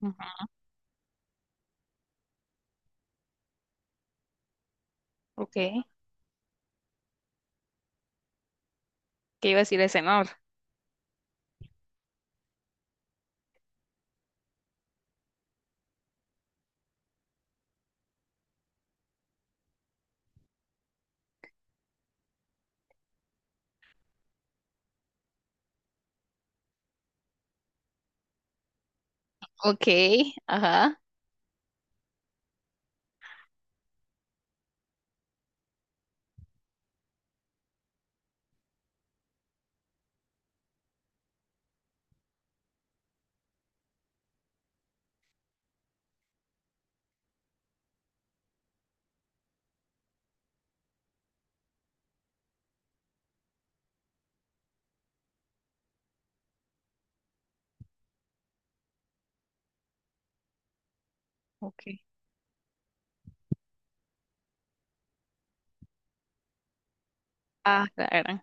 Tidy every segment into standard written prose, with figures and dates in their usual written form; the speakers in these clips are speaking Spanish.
Ujú. Ok, ¿qué iba a decir ese amor? Ok, ajá. Ok. Ah, la gran.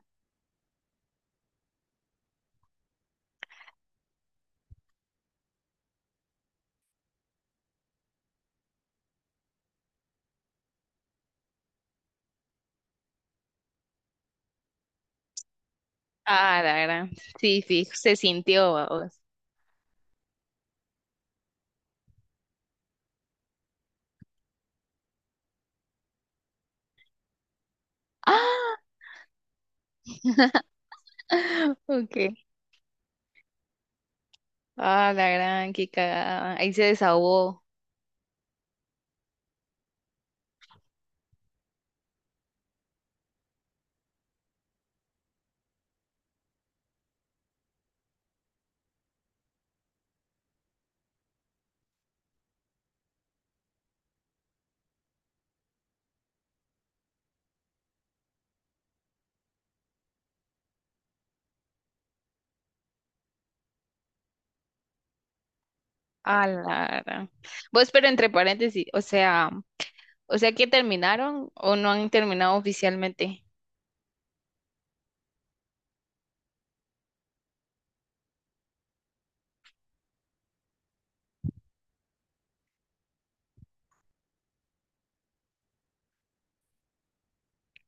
Ah, la gran. Sí, sí, se sintió, vamos. ¡Ah! Ok. Ah, la gran, qué cagada. Ahí se desahogó. Ah, la gran. Vos, pero entre paréntesis, o sea que terminaron o no han terminado oficialmente.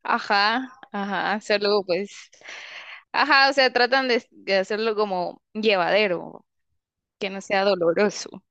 Ajá, ajá, solo pues. Ajá, o sea, tratan de hacerlo como llevadero, que no sea doloroso.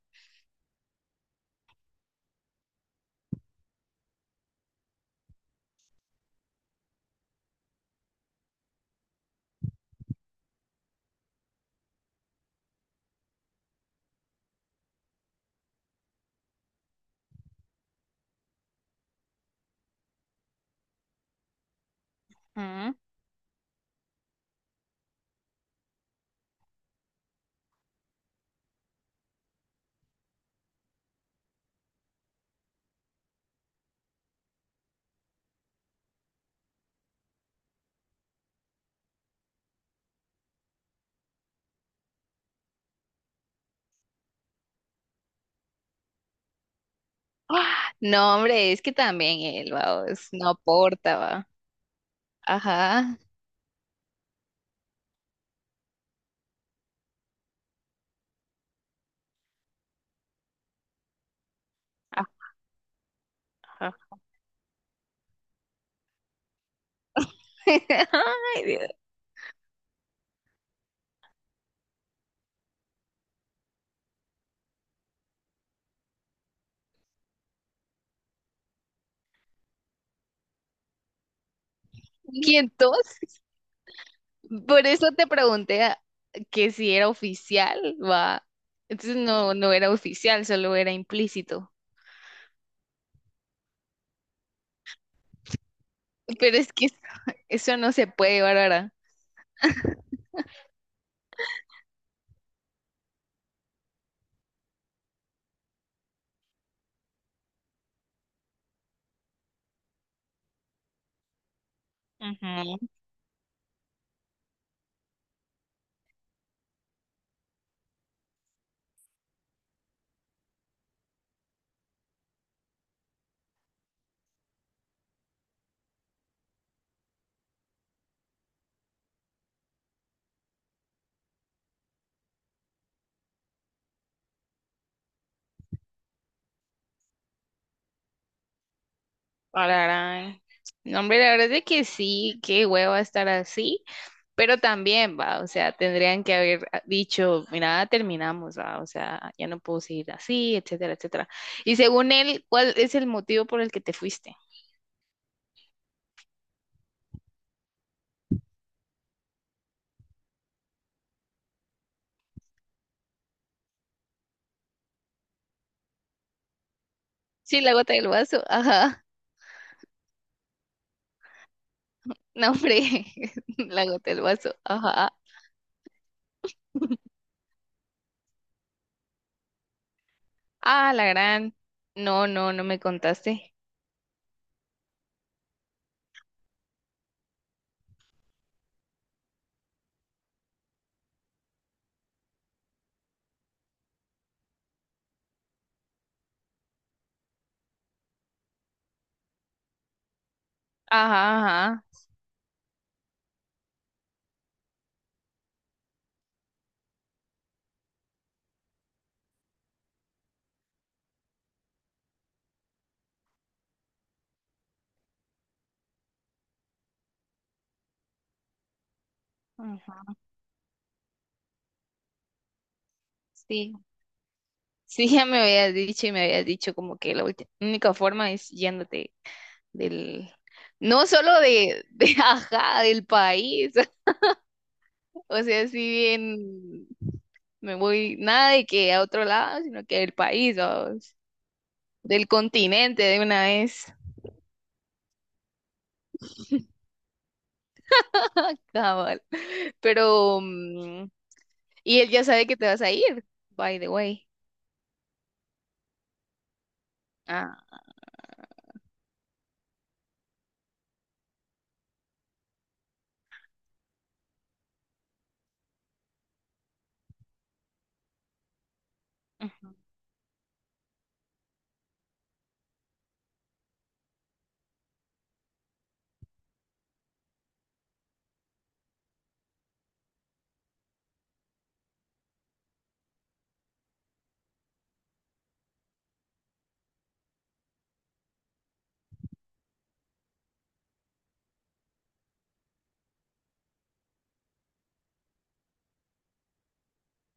¡Ah! No, hombre, es que también él, vamos, no aporta, va. Ajá. Ajá. Ay, Dios. Y entonces, por eso te pregunté que si era oficial, va. Entonces no, no era oficial, solo era implícito. Pero es que eso no se puede, Bárbara. Ujú. Ararán. No, hombre, la verdad es de que sí, qué hueva estar así. Pero también, va, o sea, tendrían que haber dicho, mira, terminamos, va, o sea, ya no puedo seguir así, etcétera, etcétera. Y según él, ¿cuál es el motivo por el que te fuiste? Sí, la gota del vaso, ajá. No, hombre, la gota del vaso, ajá. Ah, la gran. No, no, no me contaste. Ajá, ajá. Ajá. Sí, sí, ya me habías dicho y me habías dicho como que la única forma es yéndote del, no solo de ajá, del país. O sea, si bien me voy nada de que a otro lado, sino que del país o del continente de una vez. Cabal. Pero, mm, y él ya sabe que te vas a ir, by the way. Ah, ujú.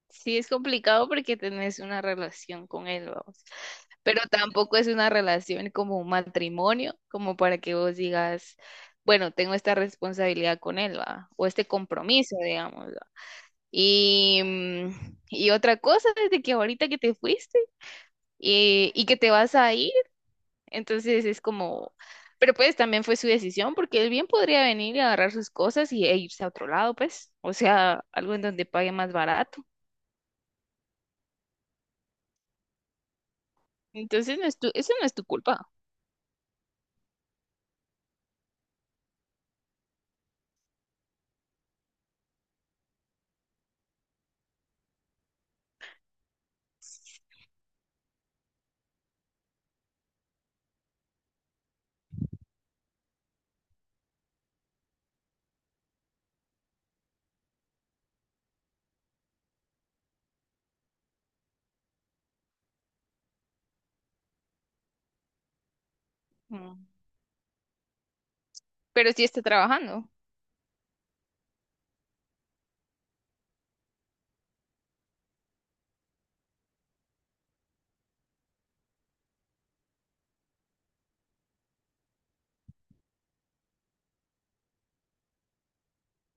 Sí, es complicado porque tenés una relación con él, vamos. Pero tampoco es una relación como un matrimonio, como para que vos digas, bueno, tengo esta responsabilidad con él, va, o este compromiso, digamos. Y otra cosa es de que ahorita que te fuiste y que te vas a ir, entonces es como, pero pues también fue su decisión porque él bien podría venir y agarrar sus cosas y, e irse a otro lado, pues, o sea, algo en donde pague más barato. Entonces no es tu, eso no es tu culpa. Mm. Pero sí está trabajando,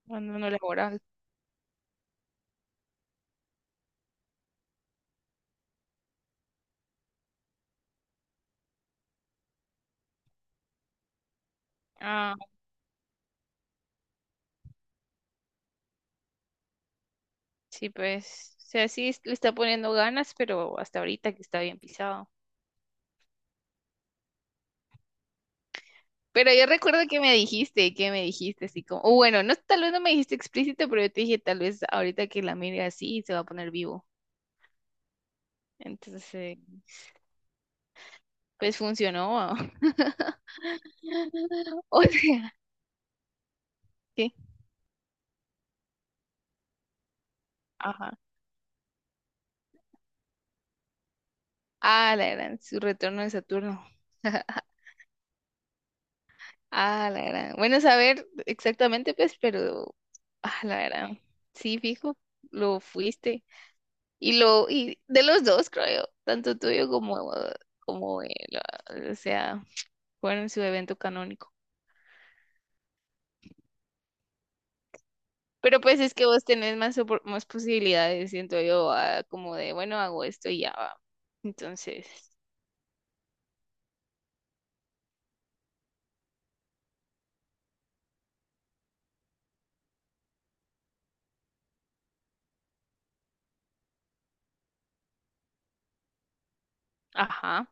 cuando no laboral. Ah, sí, pues, o sea, le está poniendo ganas, pero hasta ahorita que está bien pisado. Pero yo recuerdo que me dijiste así como, o bueno, no, tal vez no me dijiste explícito, pero yo te dije, tal vez ahorita que la mire así se va a poner vivo. Entonces, pues funcionó. O sea, ¿qué? Ajá. Ah, la gran, su retorno de Saturno. Ah, la gran. Bueno, saber exactamente, pues, pero, ah, la gran. Sí, fijo, lo fuiste. Y lo, y de los dos, creo yo, tanto tuyo como, como, el, o sea, fueron su evento canónico. Pero pues es que vos tenés más, más posibilidades, siento yo, como de, bueno, hago esto y ya va. Entonces, ajá,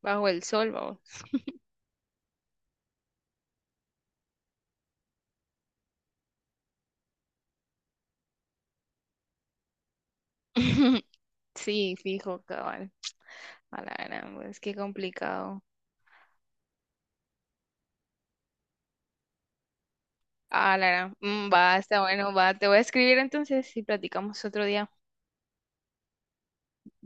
bajo el sol, vamos. Sí, fijo, cabal. A la gran, pues qué complicado. A la gran. Mm, va, está bueno, va. Te voy a escribir entonces y platicamos otro día.